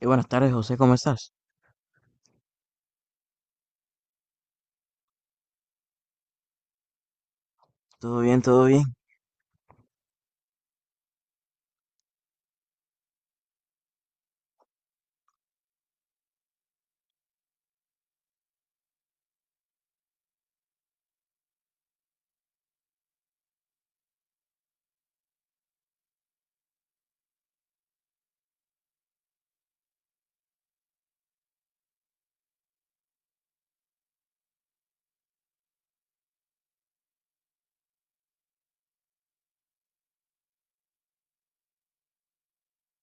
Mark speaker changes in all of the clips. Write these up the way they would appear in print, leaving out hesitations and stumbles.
Speaker 1: Y buenas tardes, José, ¿cómo estás? Todo bien, todo bien.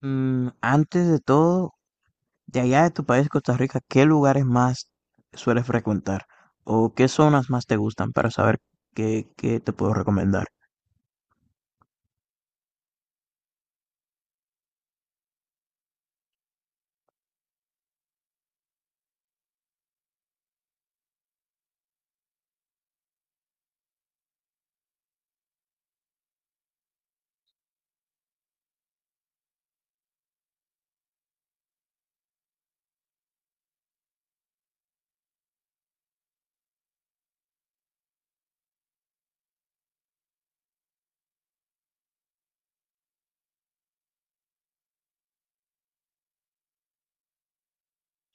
Speaker 1: Antes de todo, de allá de tu país, Costa Rica, ¿qué lugares más sueles frecuentar? ¿O qué zonas más te gustan para saber qué te puedo recomendar?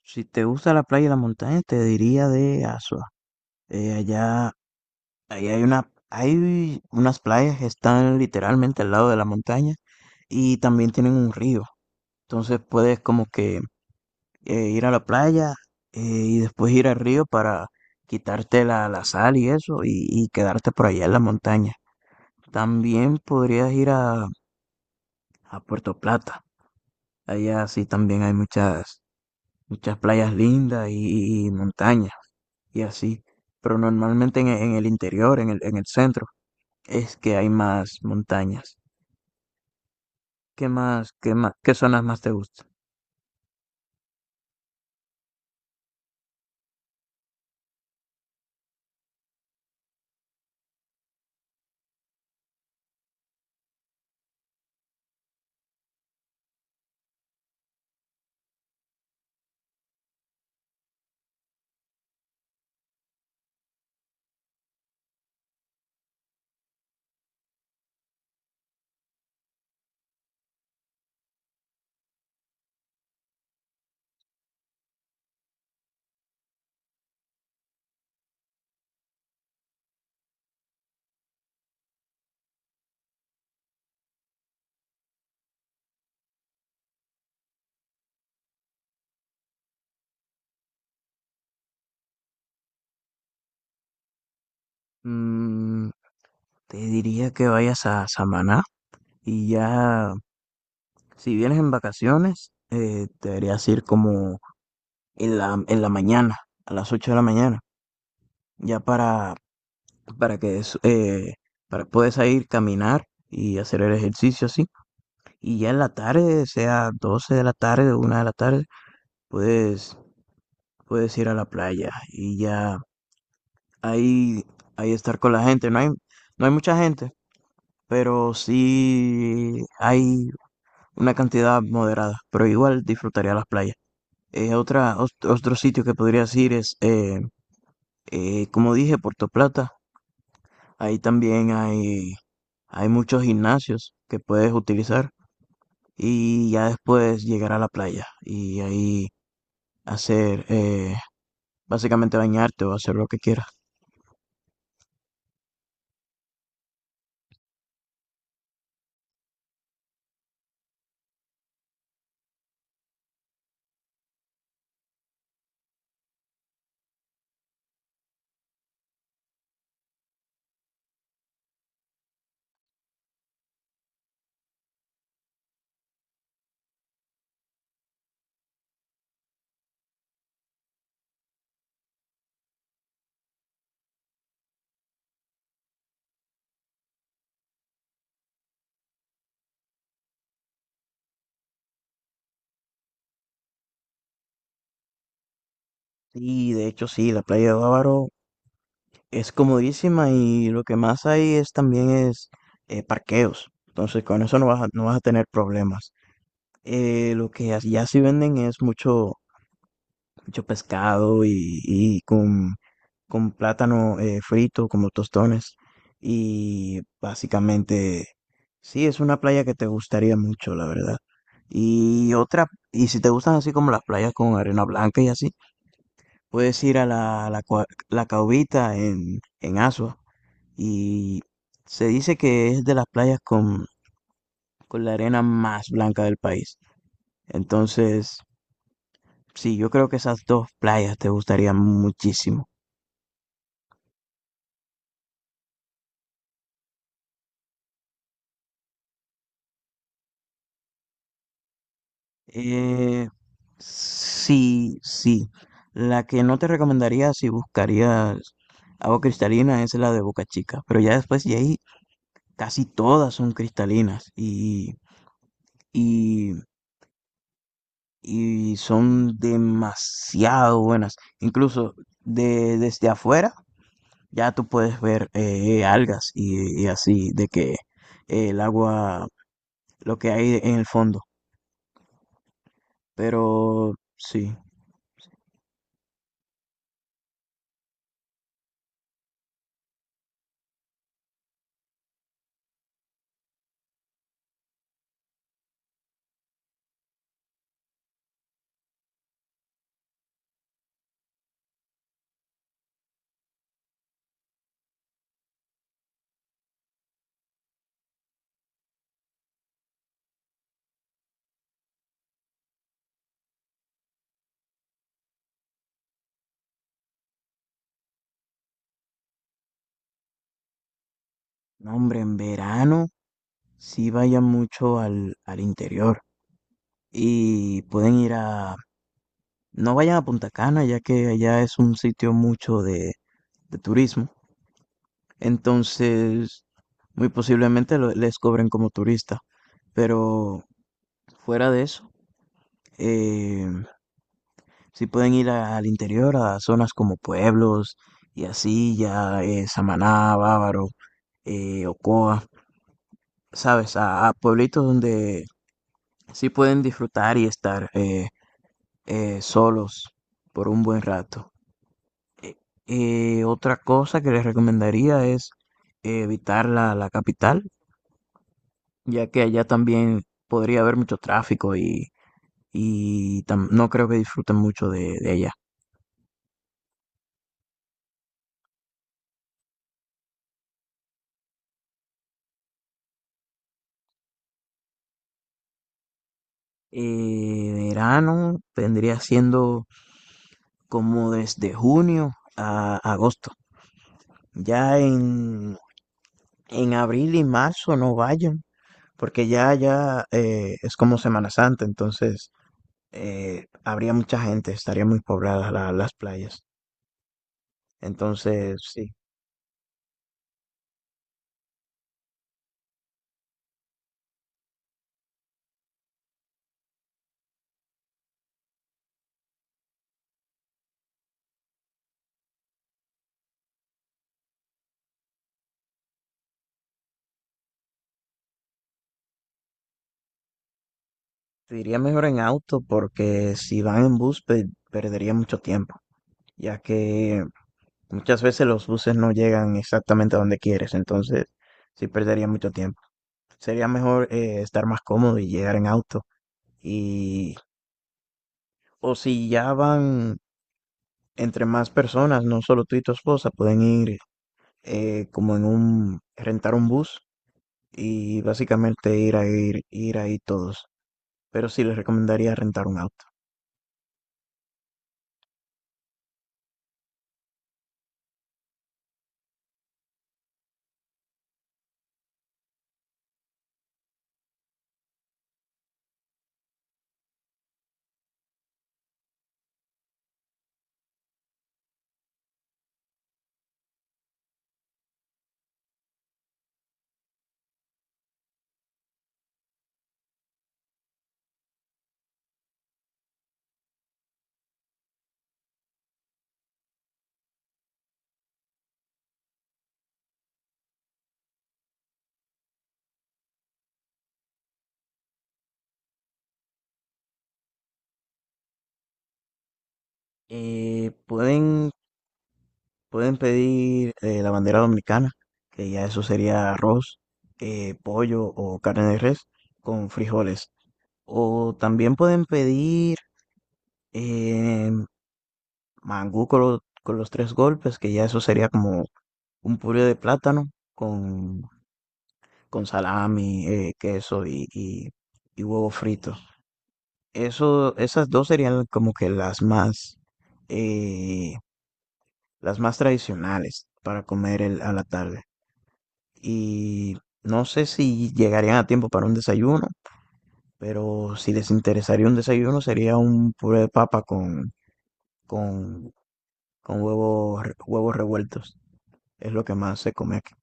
Speaker 1: Si te gusta la playa y la montaña, te diría de Asua. Eh, allá, allá hay hay unas playas que están literalmente al lado de la montaña y también tienen un río. Entonces puedes como que ir a la playa y después ir al río para quitarte la sal y eso y quedarte por allá en la montaña. También podrías ir a Puerto Plata. Allá sí también hay muchas playas lindas y montañas y así. Pero normalmente en el interior, en el centro, es que hay más montañas. ¿Qué más, qué más, qué zonas más te gustan? Mm, te diría que vayas a Samaná y ya. Si vienes en vacaciones, deberías ir como en en la mañana, a las 8 de la mañana, ya para que es- eh, para puedes ir caminar y hacer el ejercicio así. Y ya en la tarde, sea 12 de la tarde o 1 de la tarde, puedes, puedes ir a la playa y ya ahí, ahí estar con la gente. No hay mucha gente, pero sí hay una cantidad moderada, pero igual disfrutaría las playas. Otro sitio que podrías ir es, como dije, Puerto Plata. Ahí también hay muchos gimnasios que puedes utilizar y ya después llegar a la playa y ahí hacer, básicamente bañarte o hacer lo que quieras. Y de hecho sí, la playa de Bávaro es comodísima y lo que más hay es también es parqueos. Entonces con eso no vas no vas a tener problemas. Lo que as- ya sí venden es mucho pescado con plátano frito, como tostones. Y básicamente, sí, es una playa que te gustaría mucho, la verdad. Y otra, y si te gustan así como las playas con arena blanca y así, puedes ir a la Caubita en Asua. Y se dice que es de las playas con la arena más blanca del país. Entonces, sí, yo creo que esas dos playas te gustarían muchísimo. Eh, sí, sí. La que no te recomendaría si buscarías agua cristalina es la de Boca Chica, pero ya después de ahí casi todas son cristalinas y, y son demasiado buenas. Incluso desde afuera ya tú puedes ver algas y así de que eh, el agua, lo que hay en el fondo. Pero sí, no, hombre, en verano sí vayan mucho al interior y pueden ir a... No vayan a Punta Cana, ya que allá es un sitio mucho de turismo. Entonces, muy posiblemente lo- les cobren como turista. Pero fuera de eso, eh, sí pueden ir a- al interior, a zonas como pueblos y así, ya Samaná, Bávaro, Ocoa, ¿sabes? A pueblitos donde sí pueden disfrutar y estar. Solos por un buen rato. Eh, Otra cosa que les recomendaría es evitar la capital, ya que allá también podría haber mucho tráfico y tam- no creo que disfruten mucho de allá. Verano vendría siendo como desde junio a agosto. Ya en abril y marzo no vayan, porque ya es como Semana Santa, entonces habría mucha gente, estaría muy poblada la- las playas. Entonces, sí, te iría mejor en auto porque si van en bus perdería mucho tiempo, ya que muchas veces los buses no llegan exactamente a donde quieres, entonces sí perdería mucho tiempo. Sería mejor estar más cómodo y llegar en auto. Y, o si ya van entre más personas, no solo tú y tu esposa, pueden ir como en rentar un bus y básicamente ir a ir ahí todos. Pero sí les recomendaría rentar un auto. Eh, pueden, pueden pedir la bandera dominicana, que ya eso sería arroz, pollo o carne de res con frijoles. O también pueden pedir eh, mangú con, lo- con los tres golpes, que ya eso sería como un puré de plátano con salami, queso y huevo frito. Esas dos serían como que eh, las más tradicionales para comer el- a la tarde. Y no sé si llegarían a tiempo para un desayuno, pero si les interesaría un desayuno sería un puré de papa con, con huevos, re- huevos revueltos. Es lo que más se come aquí.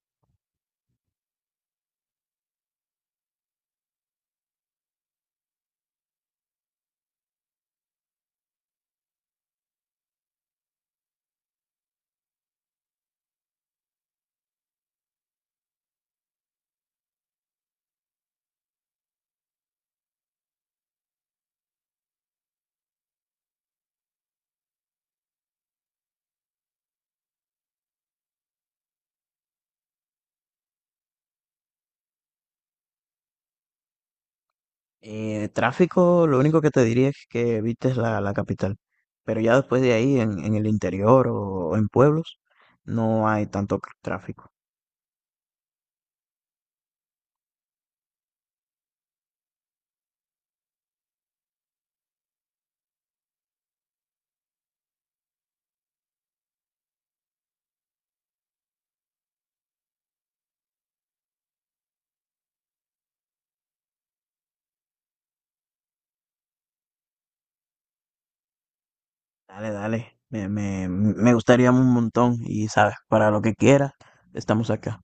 Speaker 1: Tráfico, lo único que te diría es que evites la capital. Pero ya después de ahí, en el interior o en pueblos, no hay tanto tráfico. Dale, dale. Me gustaría un montón y sabes, para lo que quieras, estamos acá.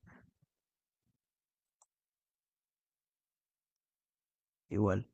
Speaker 1: Igual.